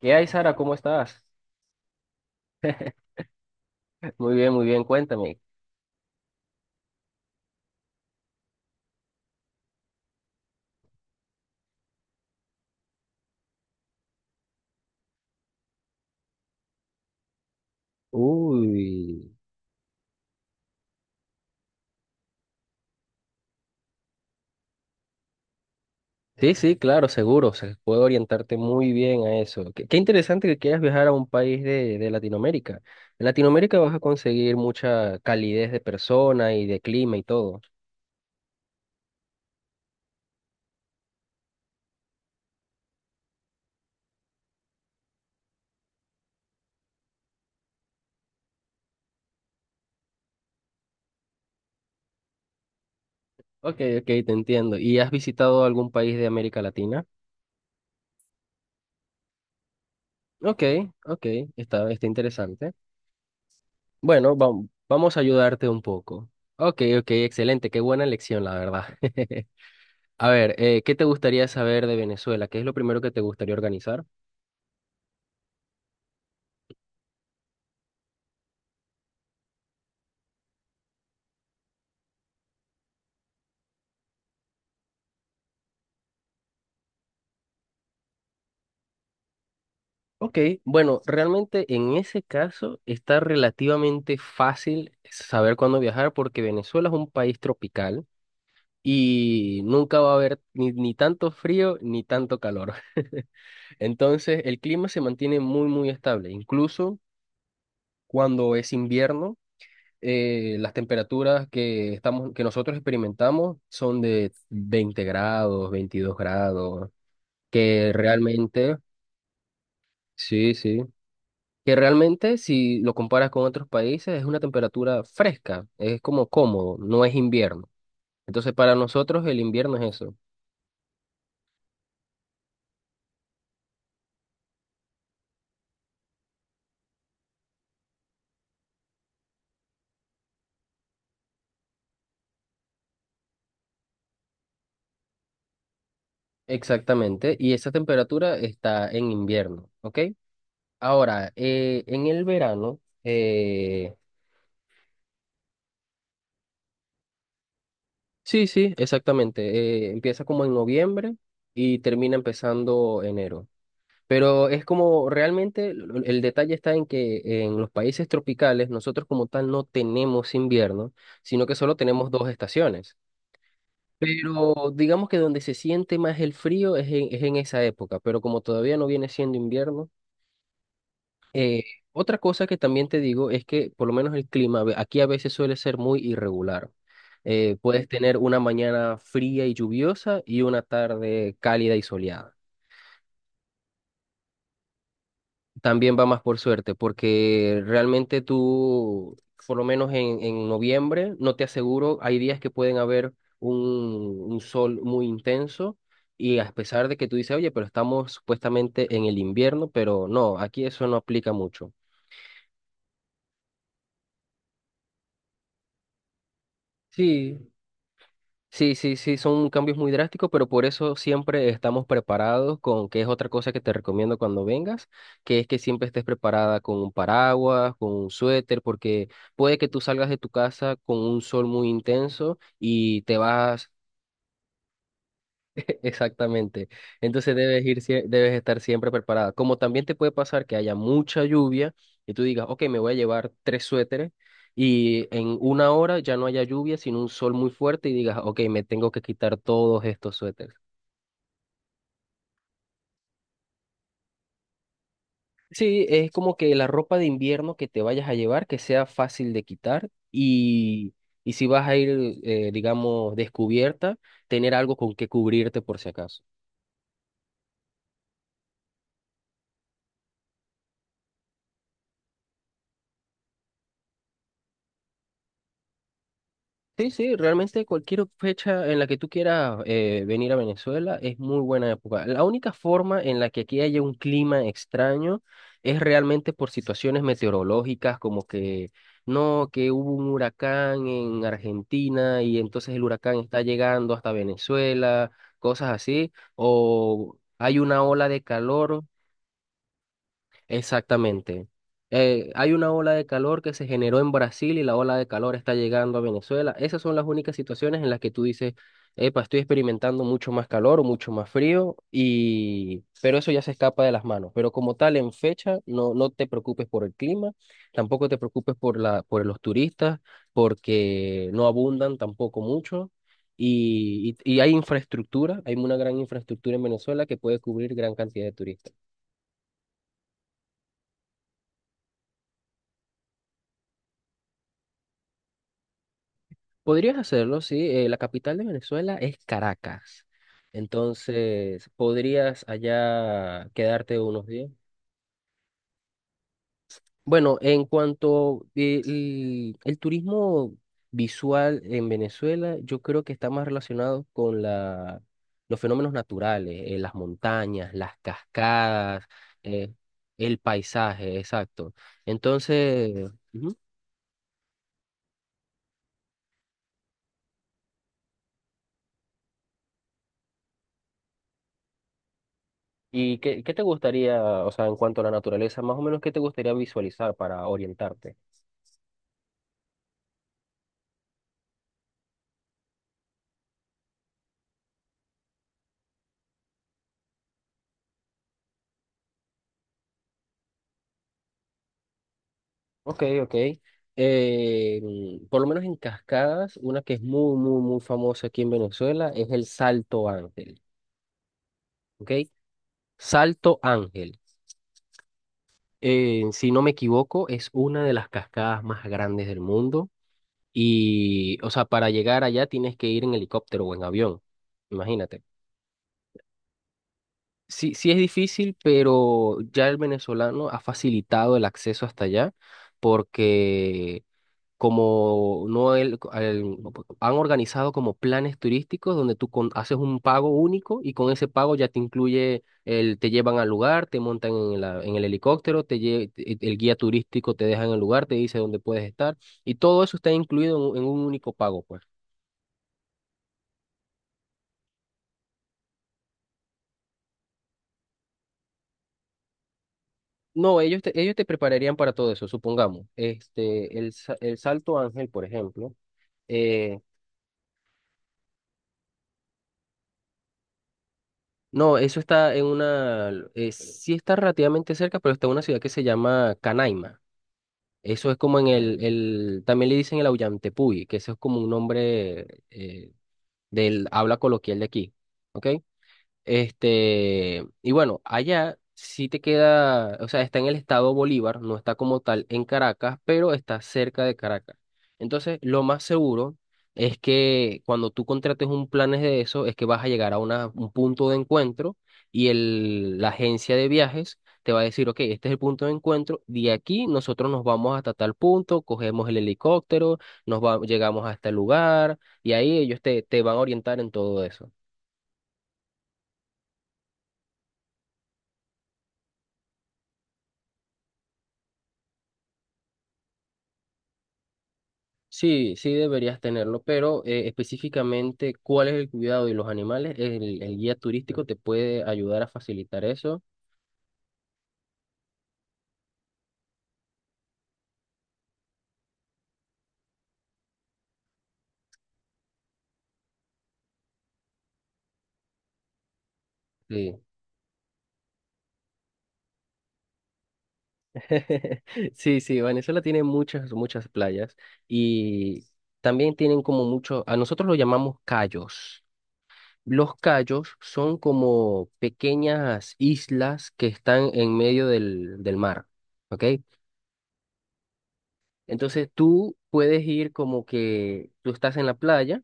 ¿Qué hay, Sara? ¿Cómo estás? Muy bien, cuéntame. Uy, sí, sí, claro, seguro, se puedo orientarte muy bien a eso. Qué interesante que quieras viajar a un país de Latinoamérica. En Latinoamérica vas a conseguir mucha calidez de persona y de clima y todo. Ok, ok, te entiendo. ¿Y has visitado algún país de América Latina? Ok, ok, está, está interesante. Bueno, vamos a ayudarte un poco. Ok, ok, excelente, qué buena elección, la verdad. A ver, ¿qué te gustaría saber de Venezuela? ¿Qué es lo primero que te gustaría organizar? Ok, bueno, realmente en ese caso está relativamente fácil saber cuándo viajar porque Venezuela es un país tropical y nunca va a haber ni tanto frío ni tanto calor. Entonces, el clima se mantiene muy, muy estable. Incluso cuando es invierno, las temperaturas que estamos, que nosotros experimentamos son de 20 grados, 22 grados. que realmente, sí, sí, que realmente si lo comparas con otros países es una temperatura fresca, es como cómodo, no es invierno. Entonces para nosotros el invierno es eso. Exactamente, y esa temperatura está en invierno, ¿ok? Ahora, en el verano, sí, sí, exactamente, empieza como en noviembre y termina empezando enero. Pero es como realmente el detalle está en que en los países tropicales nosotros como tal no tenemos invierno, sino que solo tenemos dos estaciones. Pero digamos que donde se siente más el frío es en esa época, pero como todavía no viene siendo invierno. eh, otra cosa que también te digo es que por lo menos el clima aquí a veces suele ser muy irregular. Puedes tener una mañana fría y lluviosa y una tarde cálida y soleada. También va más por suerte, porque realmente tú, por lo menos en noviembre, no te aseguro, hay días que pueden haber un sol muy intenso y a pesar de que tú dices, oye, pero estamos supuestamente en el invierno, pero no, aquí eso no aplica mucho. Sí, sí, sí, sí, son cambios muy drásticos, pero por eso siempre estamos preparados con, que es otra cosa que te recomiendo cuando vengas, que es que siempre estés preparada con un paraguas, con un suéter, porque puede que tú salgas de tu casa con un sol muy intenso y te vas. Exactamente. Entonces debes ir, debes estar siempre preparada. Como también te puede pasar que haya mucha lluvia y tú digas, ok, me voy a llevar tres suéteres y en una hora ya no haya lluvia, sino un sol muy fuerte y digas, ok, me tengo que quitar todos estos suéteres. Sí, es como que la ropa de invierno que te vayas a llevar, que sea fácil de quitar y si vas a ir, digamos, descubierta, tener algo con que cubrirte por si acaso. Sí, sí, realmente cualquier fecha en la que tú quieras venir a Venezuela es muy buena época. La única forma en la que aquí haya un clima extraño es realmente por situaciones meteorológicas, como que no, que hubo un huracán en Argentina y entonces el huracán está llegando hasta Venezuela, cosas así, o hay una ola de calor. Exactamente. Hay una ola de calor que se generó en Brasil y la ola de calor está llegando a Venezuela. Esas son las únicas situaciones en las que tú dices, epa, estoy experimentando mucho más calor o mucho más frío, y pero eso ya se escapa de las manos. Pero como tal, en fecha, no, no te preocupes por el clima, tampoco te preocupes por la, por los turistas, porque no abundan tampoco mucho. Y hay infraestructura, hay una gran infraestructura en Venezuela que puede cubrir gran cantidad de turistas. Podrías hacerlo, sí. La capital de Venezuela es Caracas. Entonces, podrías allá quedarte unos días. Bueno, en cuanto el turismo visual en Venezuela, yo creo que está más relacionado con los fenómenos naturales, las montañas, las cascadas, eh, el paisaje, exacto. Entonces, ujú. ¿Y qué, qué te gustaría, o sea, en cuanto a la naturaleza, más o menos qué te gustaría visualizar para orientarte? Ok, ok. Por lo menos en cascadas, una que es muy, muy, muy famosa aquí en Venezuela es el Salto Ángel, ¿ok? Salto Ángel. Si no me equivoco, es una de las cascadas más grandes del mundo y, o sea, para llegar allá tienes que ir en helicóptero o en avión, imagínate. Sí, sí es difícil, pero ya el venezolano ha facilitado el acceso hasta allá porque como no no, pues, han organizado como planes turísticos donde tú haces un pago único y con ese pago ya te incluye el te llevan al lugar, te montan en en el helicóptero, te el guía turístico te deja en el lugar, te dice dónde puedes estar y todo eso está incluido en un único pago, pues. No, ellos te prepararían para todo eso, supongamos. Este, el, el Salto Ángel, por ejemplo, Eh, no, eso está en una, sí está relativamente cerca, pero está en una ciudad que se llama Canaima. Eso es como en el también le dicen el Aullantepui, que eso es como un nombre del habla coloquial de aquí, ¿ok? Este, y bueno, allá sí te queda, o sea, está en el estado Bolívar, no está como tal en Caracas, pero está cerca de Caracas. Entonces, lo más seguro es que cuando tú contrates un planes de eso, es que vas a llegar a un punto de encuentro y el, la agencia de viajes te va a decir, ok, este es el punto de encuentro, de aquí nosotros nos vamos hasta tal punto, cogemos el helicóptero, llegamos hasta el lugar y ahí ellos te, te van a orientar en todo eso. Sí, sí deberías tenerlo, pero específicamente cuál es el cuidado de los animales, el guía turístico te puede ayudar a facilitar eso. Sí. Sí, sí, Venezuela tiene muchas, muchas playas y también tienen como muchos, a nosotros lo llamamos cayos. Los cayos son como pequeñas islas que están en medio del mar, ¿ok? Entonces tú puedes ir como que tú estás en la playa.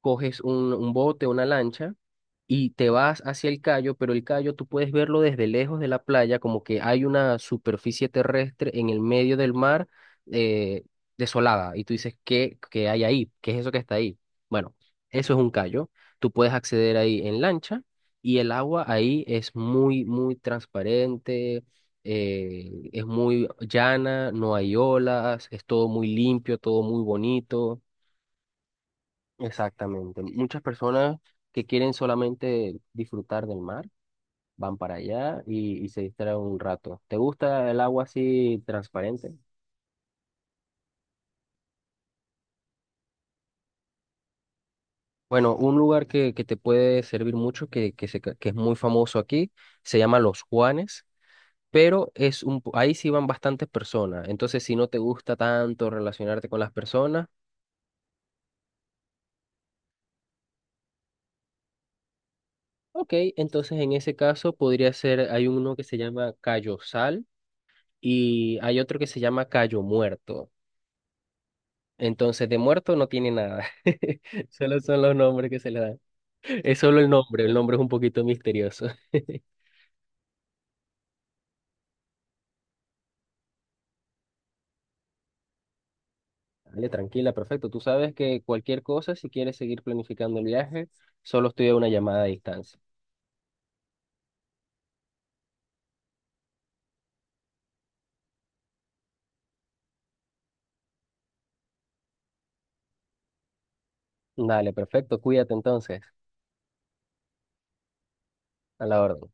Coges un bote, una lancha y te vas hacia el callo, pero el callo tú puedes verlo desde lejos de la playa, como que hay una superficie terrestre en el medio del mar, eh, desolada. Y tú dices, ¿qué hay ahí? ¿Qué es eso que está ahí? Bueno, eso es un callo. Tú puedes acceder ahí en lancha y el agua ahí es muy, muy transparente. Es muy llana, no hay olas, es todo muy limpio, todo muy bonito. Exactamente. Muchas personas que quieren solamente disfrutar del mar van para allá y se distraen un rato. ¿Te gusta el agua así transparente? Bueno, un lugar que te puede servir mucho, que es muy famoso aquí, se llama Los Juanes, pero es un, ahí sí van bastantes personas. Entonces, si no te gusta tanto relacionarte con las personas, ok, entonces en ese caso podría ser, hay uno que se llama Cayo Sal y hay otro que se llama Cayo Muerto. Entonces, de muerto no tiene nada. Solo son los nombres que se le dan. Es solo el nombre es un poquito misterioso. Dale, tranquila, perfecto. Tú sabes que cualquier cosa, si quieres seguir planificando el viaje, solo estoy a una llamada de distancia. Dale, perfecto. Cuídate entonces. A la orden.